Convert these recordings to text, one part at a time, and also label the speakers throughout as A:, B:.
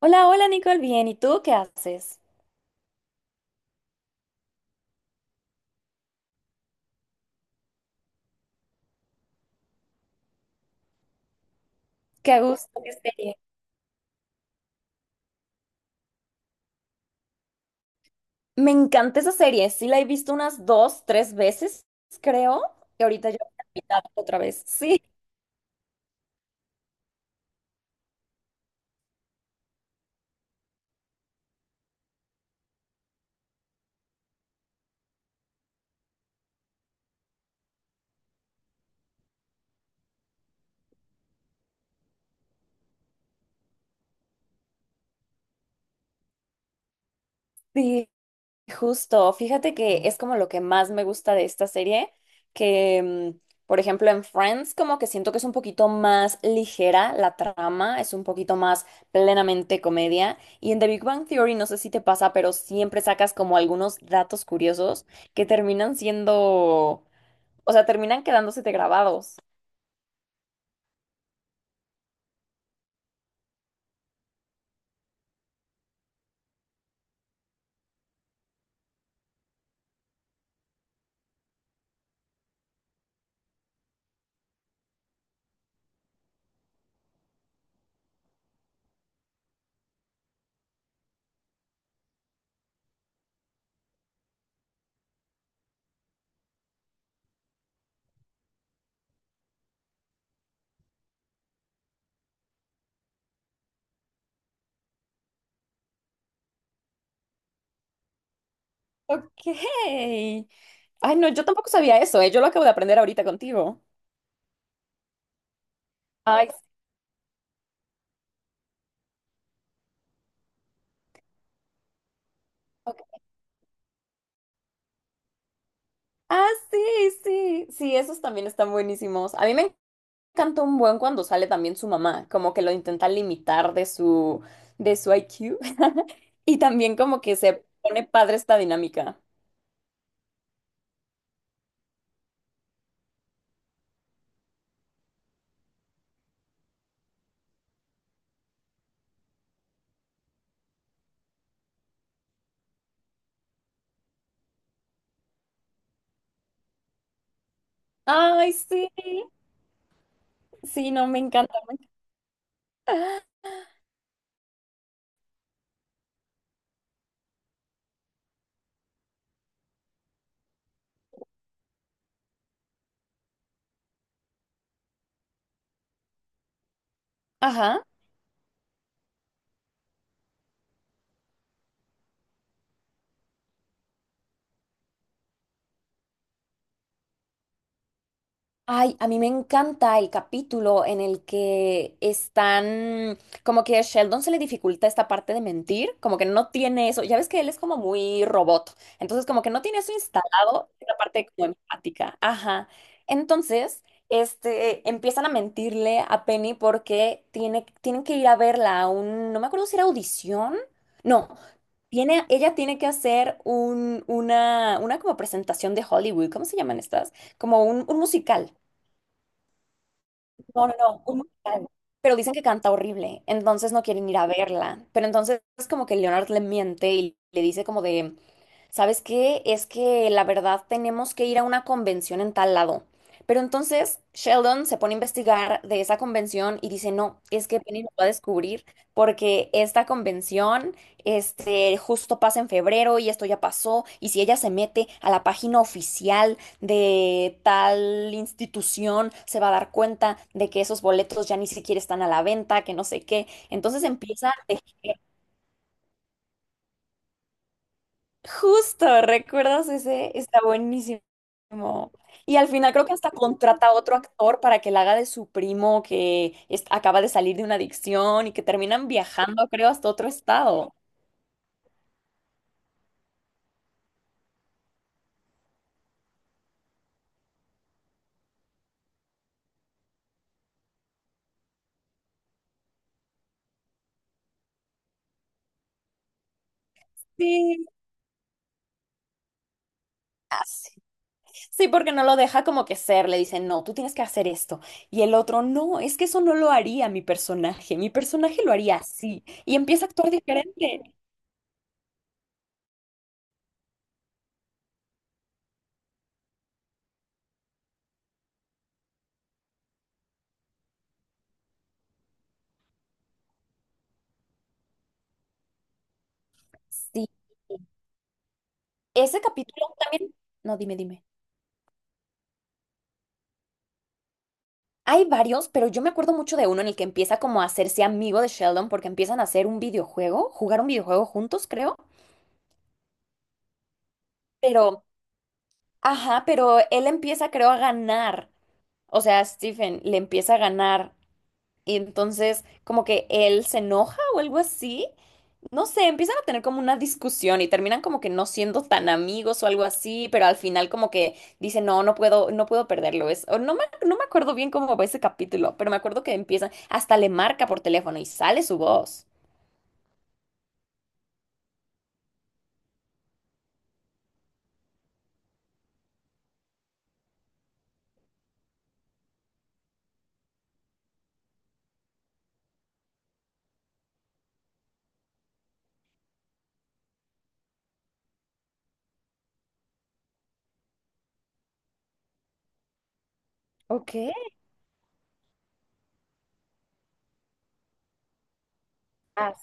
A: Hola, hola Nicole, bien. ¿Y tú qué haces? Qué gusto, qué serie. Me encanta esa serie. Sí, la he visto unas dos, tres veces, creo. Y ahorita yo la mitad otra vez. Sí, sí, justo. Fíjate que es como lo que más me gusta de esta serie, que, mm, por ejemplo, en Friends como que siento que es un poquito más ligera la trama, es un poquito más plenamente comedia. Y en The Big Bang Theory, no sé si te pasa, pero siempre sacas como algunos datos curiosos que terminan siendo. O sea, terminan quedándose de grabados. Ok. Ay, no, yo tampoco sabía eso, ¿eh? Yo lo acabo de aprender ahorita contigo. Ay, sí, ok. Ah, sí, sí. Sí, esos también están buenísimos. A mí me encanta un buen cuando sale también su mamá, como que lo intenta limitar de su IQ. Y también como que se pone padre esta dinámica. Ay, sí. Sí, no, me encanta. Ajá. Ay, a mí me encanta el capítulo en el que están, como que a Sheldon se le dificulta esta parte de mentir, como que no tiene eso, ya ves que él es como muy robot, entonces como que no tiene eso instalado, la parte como empática, ajá. Entonces, empiezan a mentirle a Penny porque tienen que ir a verla a un, no me acuerdo si era audición, no, ella tiene que hacer una como presentación de Hollywood, ¿cómo se llaman estas? Como un musical. No, no, no, un musical. Pero dicen que canta horrible, entonces no quieren ir a verla. Pero entonces es como que Leonard le miente y le dice como de, ¿sabes qué? Es que la verdad tenemos que ir a una convención en tal lado. Pero entonces Sheldon se pone a investigar de esa convención y dice, no, es que Penny nos va a descubrir porque esta convención justo pasa en febrero y esto ya pasó. Y si ella se mete a la página oficial de tal institución se va a dar cuenta de que esos boletos ya ni siquiera están a la venta, que no sé qué. Entonces empieza a tejer. Justo, ¿recuerdas ese? Está buenísimo. Y al final creo que hasta contrata a otro actor para que la haga de su primo que acaba de salir de una adicción y que terminan viajando, creo, hasta otro estado. Sí. Sí, porque no lo deja como que ser, le dice, no, tú tienes que hacer esto. Y el otro, no, es que eso no lo haría mi personaje lo haría así. Y empieza a actuar diferente. Sí. Ese capítulo también, no, dime. Hay varios, pero yo me acuerdo mucho de uno en el que empieza como a hacerse amigo de Sheldon porque empiezan a hacer un videojuego, jugar un videojuego juntos, creo. Pero, ajá, pero él empieza, creo, a ganar. O sea, Stephen le empieza a ganar. Y entonces, como que él se enoja o algo así. No sé, empiezan a tener como una discusión y terminan como que no siendo tan amigos o algo así, pero al final como que dicen, no, no puedo perderlo. Es, o no me, no me acuerdo bien cómo va ese capítulo, pero me acuerdo que empiezan, hasta le marca por teléfono y sale su voz. Ok. Ah,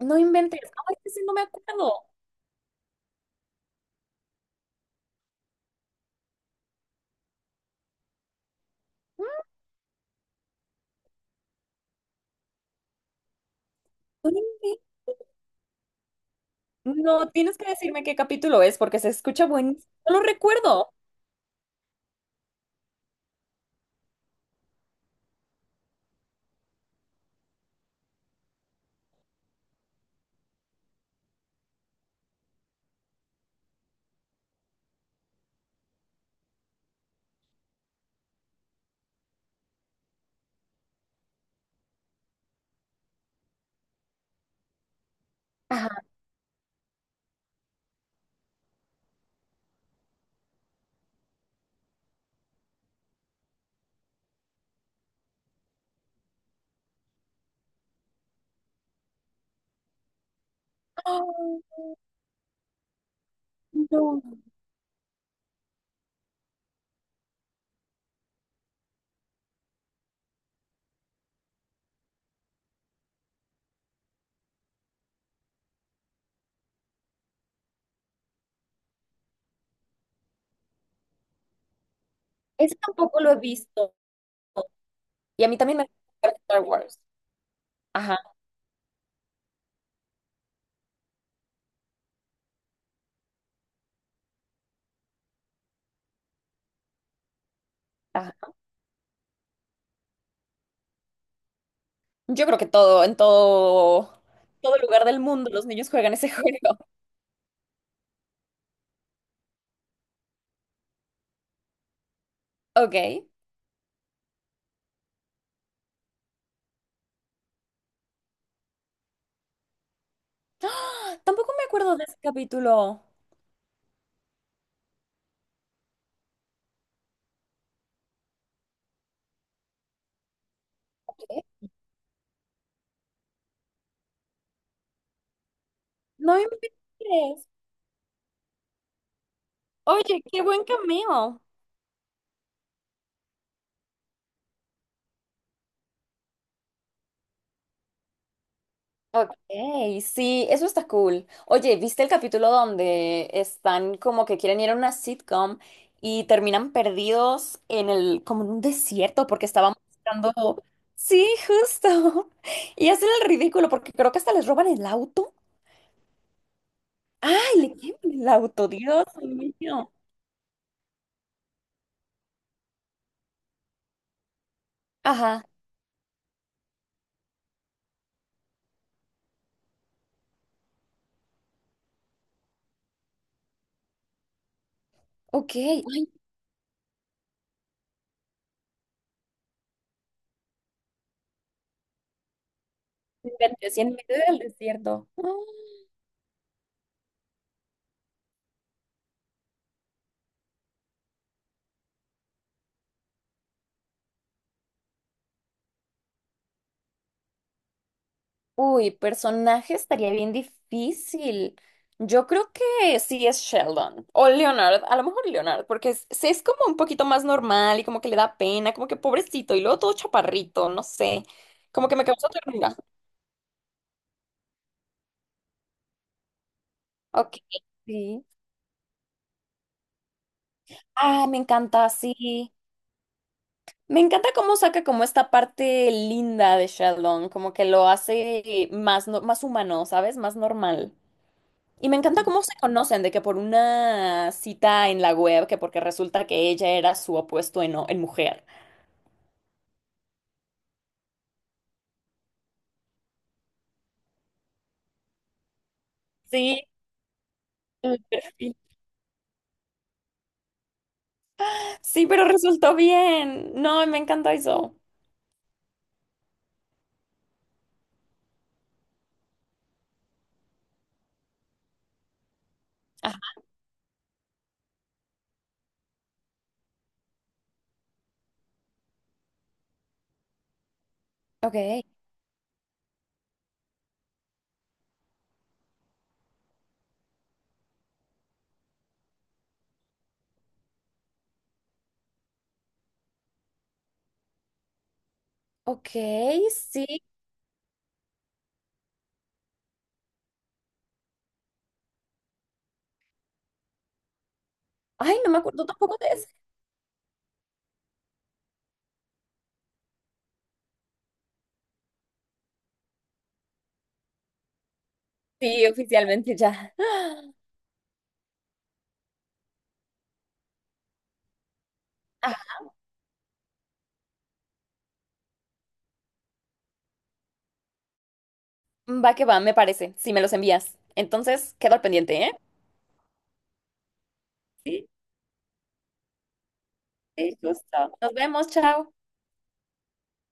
A: no inventes. Ay, ese no me acuerdo. No, inven- no, tienes que decirme qué capítulo es porque se escucha buenísimo. No lo recuerdo. Ajá. Ah, no, ese tampoco lo he visto. Y a mí también me gusta Star Wars. Ajá. Yo creo que todo lugar del mundo los niños juegan ese juego. Ok. ¡Ah! Tampoco me acuerdo de ese capítulo. ¿Qué? No me inventes. Oye, qué buen cameo. Ok, sí, eso está cool. Oye, ¿viste el capítulo donde están como que quieren ir a una sitcom y terminan perdidos en el, como en un desierto porque estaban buscando... Sí, justo. Y hacen el ridículo porque creo que hasta les roban el auto. ¡Ay, le queman el auto! ¡Dios mío! Ajá, ok. ¡Ay, no inventes, y en medio del desierto! Ah. Uy, personaje estaría bien difícil. Yo creo que sí es Sheldon o Leonard, a lo mejor Leonard, porque es, sí es como un poquito más normal y como que le da pena, como que pobrecito y luego todo chaparrito, no sé, como que me causó ternura. Ok, sí. Ah, me encanta, sí. Me encanta cómo saca como esta parte linda de Shenlong, como que lo hace más, no- más humano, ¿sabes? Más normal. Y me encanta cómo se conocen, de que por una cita en la web, que porque resulta que ella era su opuesto en mujer. Sí, el perfil. Sí, pero resultó bien. No, me encanta eso. Ajá, ok, ok, sí. Ay, no me acuerdo tampoco de eso. Sí, oficialmente ya. Ah, va que va, me parece. Si me los envías. Entonces, quedo al pendiente, ¿eh? Sí. Sí, justo. Nos vemos, chao.